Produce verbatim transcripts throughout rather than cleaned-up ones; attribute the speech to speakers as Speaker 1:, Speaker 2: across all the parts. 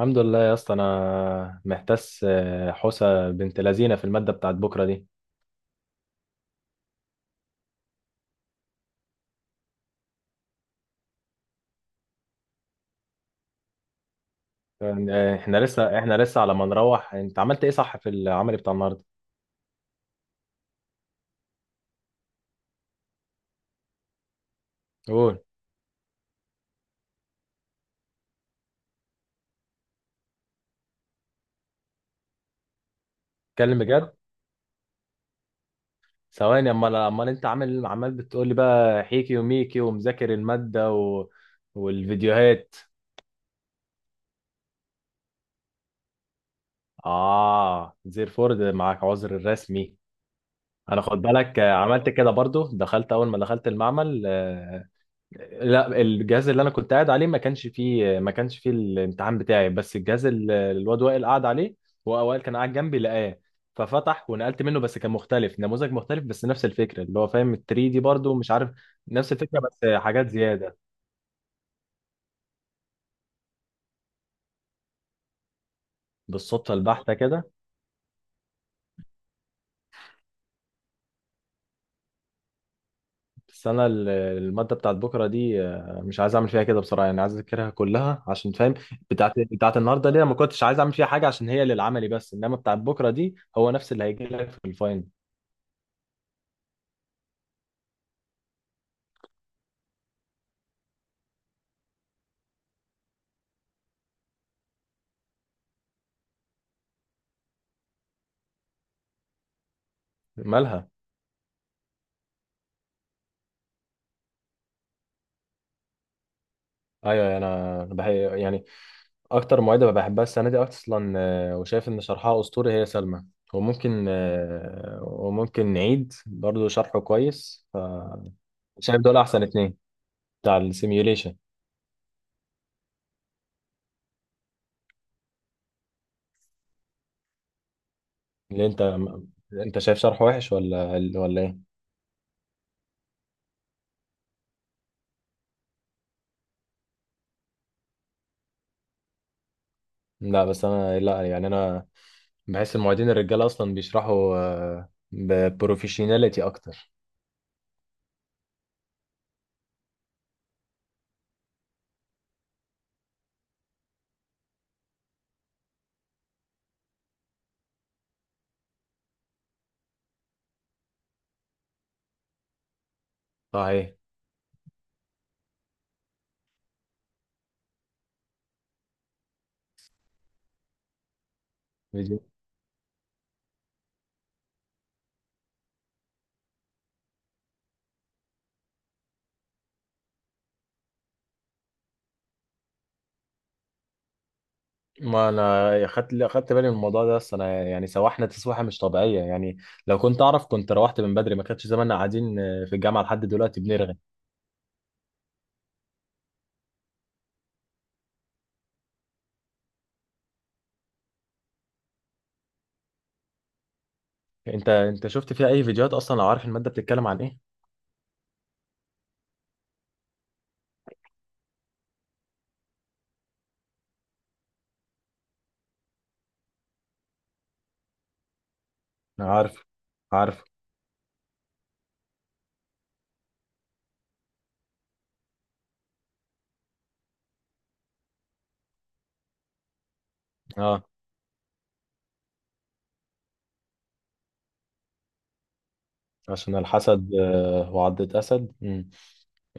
Speaker 1: الحمد لله يا اسطى، انا محتاس آه، حوسه بنت لذينه في الماده بتاعت بكره دي. يعني آه، احنا لسه احنا لسه على ما نروح. انت عملت ايه صح في العمل بتاع النهارده؟ قول. اتكلم بجد. ثواني، امال امال انت عامل؟ عمال بتقول لي بقى حيكي وميكي ومذاكر الماده و... والفيديوهات. اه، زيرفورد معاك عذر رسمي. انا خد بالك آه، عملت كده برضو، دخلت اول ما دخلت المعمل. آه، لا، الجهاز اللي انا كنت قاعد عليه ما كانش فيه ما كانش فيه الامتحان بتاعي، بس الجهاز اللي الواد وائل قاعد عليه، هو وائل كان قاعد جنبي، لقاه ففتح ونقلت منه، بس كان مختلف، نموذج مختلف، بس نفس الفكره، اللي هو فاهم ال تلاتة دي برضو مش عارف. نفس الفكره بس حاجات زياده. بالصدفه البحته كده. بس انا ال- الماده بتاعت بكره دي آه، مش عايز اعمل فيها كده بصراحه، يعني عايز اذاكرها كلها عشان فاهم. بتاعت بتاعت النهارده دي أنا ما كنتش عايز اعمل فيها حاجه عشان هي للعملي، بس انما بتاعت بكره دي هو نفس اللي هيجي لك في الفاينل. مالها؟ ايوه ايوه، انا أنا بح... يعني اكتر معيده بحبها السنه دي اصلا. آه، وشايف ان شرحها اسطوري، هي سلمى. وممكن آه، وممكن نعيد برضو شرحه كويس، فشايف دول احسن اتنين، بتاع السيميوليشن. اللي انت انت شايف شرحه وحش ولا ولا ايه؟ لا، بس انا، لا، يعني انا بحس المعيدين الرجاله اصلا بيشرحوا ببروفيشناليتي اكتر. صحيح. ما انا خدت خدت بالي من الموضوع ده، بس انا يعني سواحنا تسويحه مش طبيعيه يعني. لو كنت اعرف كنت روحت من بدري، ما كانش زماننا قاعدين في الجامعه لحد دلوقتي بنرغي. انت انت شفت فيها اي فيديوهات اصلا لو عارف الماده بتتكلم عن ايه؟ أنا عارف. عارف. اه. عشان الحسد آه، وعضة أسد. مم.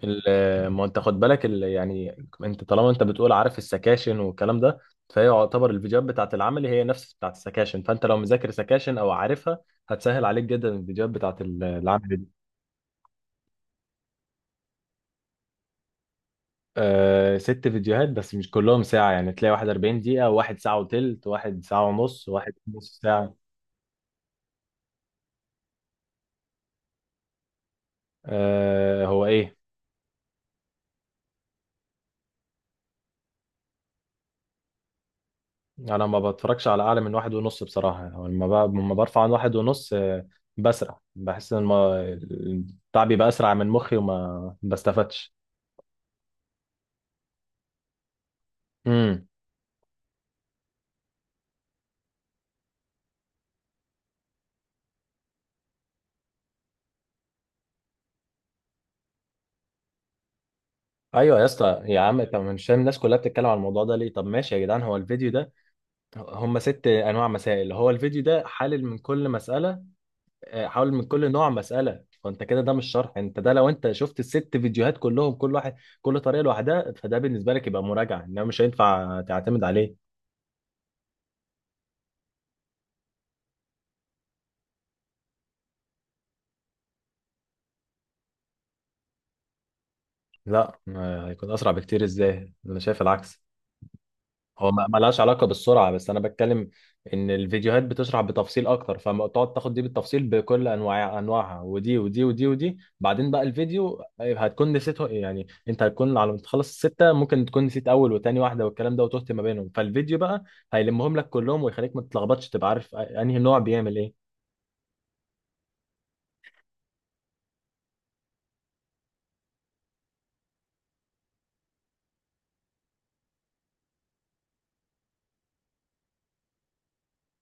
Speaker 1: ال- آه، ما أنت خد بالك، ال- يعني أنت طالما أنت بتقول عارف السكاشن والكلام ده، فهي يعتبر الفيديوهات بتاعت العملي هي نفس بتاعت السكاشن، فأنت لو مذاكر سكاشن أو عارفها، هتسهل عليك جدا الفيديوهات بتاعت ال- العملي. آه، ست فيديوهات، بس مش كلهم ساعة، يعني تلاقي واحد اربعين دقيقة، وواحد ساعة وتلت، وواحد ساعة ونص، وواحد نص ساعة. آه، هو ايه. انا ما بتفرجش على اعلى من واحد ونص بصراحة. هو لما ب- لما برفع عن واحد ونص آه بسرع، بحس ان ما- البتاع بيبقى اسرع من مخي وما بستفادش. امم. ايوه يا اسطى، يا عم، طب مش فاهم الناس كلها بتتكلم على الموضوع ده ليه؟ طب ماشي يا جدعان، هو الفيديو ده هم ست انواع مسائل، هو الفيديو ده حلل من كل مسألة، آه، حاول من كل نوع مسألة، فانت كده ده مش شرح. انت ده لو انت شفت الست فيديوهات كلهم، كل واحد، كل طريقة لوحدها، فده بالنسبة لك يبقى مراجعة، انما مش هينفع تعتمد عليه. لا آه، هيكون اسرع بكتير ازاي؟ انا شايف العكس. هو ما ما لهاش علاقة بالسرعة، بس أنا بتكلم إن الفيديوهات بتشرح بتفصيل أكتر، فتقعد تاخد دي بالتفصيل بكل أنواع أنواعها، ودي ودي ودي ودي، بعدين بقى الفيديو آه، هتكون نسيته. يعني أنت هتكون على ما تخلص الستة ممكن تكون نسيت أول وتاني واحدة والكلام ده، وتهت ما بينهم، فالفيديو بقى هيلمهم لك كلهم ويخليك ما تتلخبطش، تبقى عارف أنهي نوع بيعمل إيه.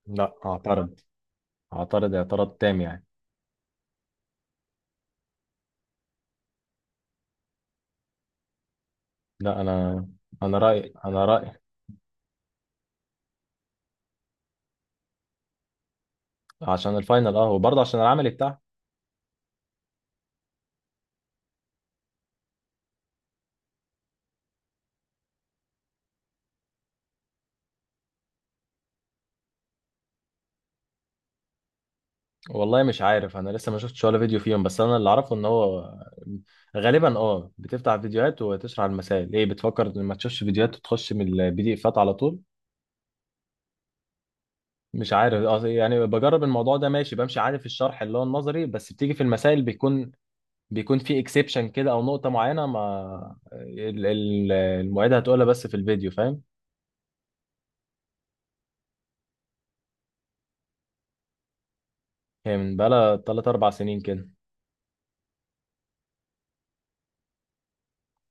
Speaker 1: لا أعترض. أعترض اعتراض تام يعني. لا أنا، أنا رأيي أنا رأيي عشان الفاينل، أه، وبرضه عشان العمل بتاعها. والله مش عارف، انا لسه ما شفتش ولا فيديو فيهم، بس انا اللي اعرفه ان هو غالبا اه بتفتح فيديوهات وتشرح المسائل. ايه بتفكر ان ما تشوفش فيديوهات وتخش من البي دي افات على طول. مش عارف آه، يعني بجرب الموضوع ده ماشي، بمشي عارف الشرح اللي هو النظري، بس بتيجي في المسائل بيكون بيكون في اكسبشن كده، او نقطة معينة ما ال- ال- المعيدة هتقولها بس في الفيديو، فاهم. هي من بقالها تلاتة اربع سنين كده.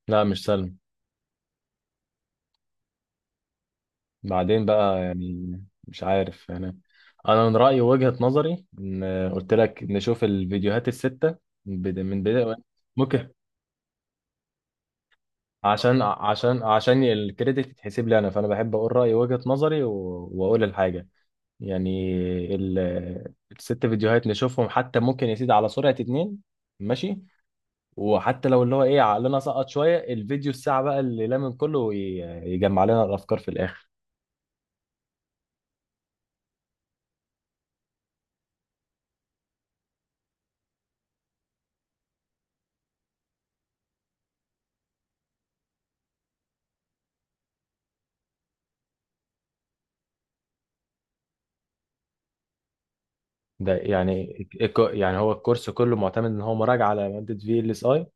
Speaker 1: لا مش سهل، بعدين بقى يعني. مش عارف يعني. انا من رأيي وجهة نظري ان قلت لك نشوف الفيديوهات الستة من بدا- من بداية. ممكن عشان عشان عشان الكريدت يتحسب لي انا، فانا بحب اقول رأيي وجهة نظري و- واقول الحاجة يعني. ال- الست فيديوهات نشوفهم، حتى ممكن يا سيدي على سرعة اتنين. ماشي. وحتى لو اللي هو ايه عقلنا سقط شوية، الفيديو الساعة بقى اللي لمن كله وي- يجمع لنا الافكار في الاخر. ده يعني الك- يعني هو الكورس كله معتمد ان هو مراجعة على مادة في ال اس اي.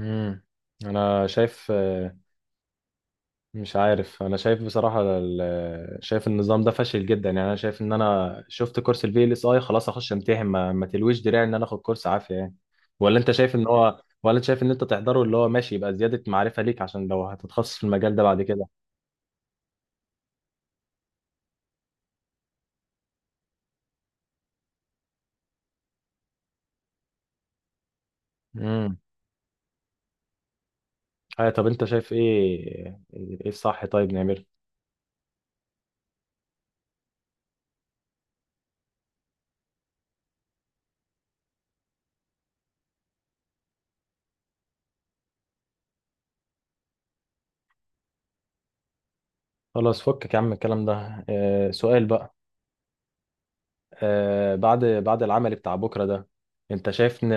Speaker 1: امم. انا شايف آه، مش عارف. انا شايف بصراحة ال- آه، شايف النظام ده فاشل جدا يعني. انا شايف ان انا شفت كورس الفي ال اس اي خلاص، اخش امتحن. ما, ما تلويش دراعي ان انا اخد كورس عافية يعني. ولا انت شايف ان هو ولا انت شايف ان انت تحضره اللي هو ماشي يبقى زيادة معرفة ليك، عشان لو هتتخصص في المجال ده بعد كده. امم. ايوه طب انت شايف ايه؟ ايه الصح، طيب نعمله. خلاص فكك يا عم الكلام ده. آه، سؤال بقى. آه، بعد بعد العمل بتاع بكرة ده، انت شايف ان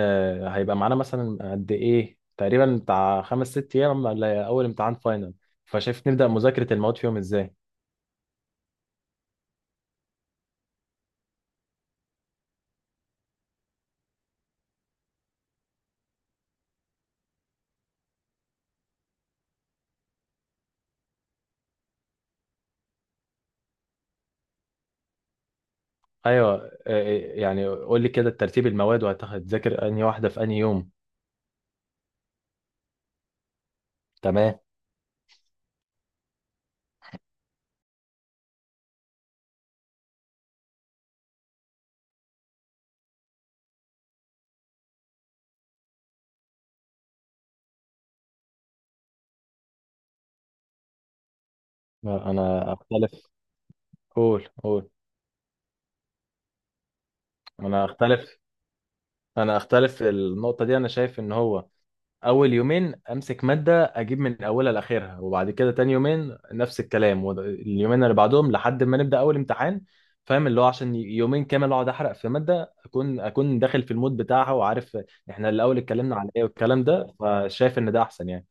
Speaker 1: هيبقى معانا مثلا قد ايه تقريبا، بتاع خمس ست ايام ولا اول امتحان فاينل؟ فشايف نبدأ مذاكرة المواد فيهم ازاي؟ ايوه آه، آه، يعني قول لي كده ترتيب المواد وهتذاكر انهي واحدة في انهي يوم. تمام. لا، انا اختلف. قول قول. انا اختلف. انا اختلف في النقطة دي. انا شايف ان هو اول يومين امسك ماده اجيب من اولها لاخرها، وبعد كده تاني يومين نفس الكلام، واليومين اللي بعدهم لحد ما نبدا اول امتحان. فاهم؟ اللي هو عشان يومين كامل اقعد احرق في ماده، اكون اكون داخل في المود بتاعها وعارف احنا الاول اتكلمنا على ايه والكلام ده، فشايف ان ده احسن يعني.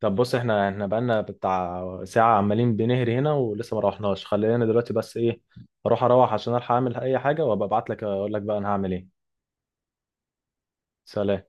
Speaker 1: طب بص احنا احنا بقالنا بتاع ساعه عمالين بنهري هنا ولسه ما روحناش، خلينا دلوقتي بس ايه، اروح اروح عشان الحق اعمل اي حاجه، وابقى ابعت لك اقول لك بقى انا هعمل ايه. سلام.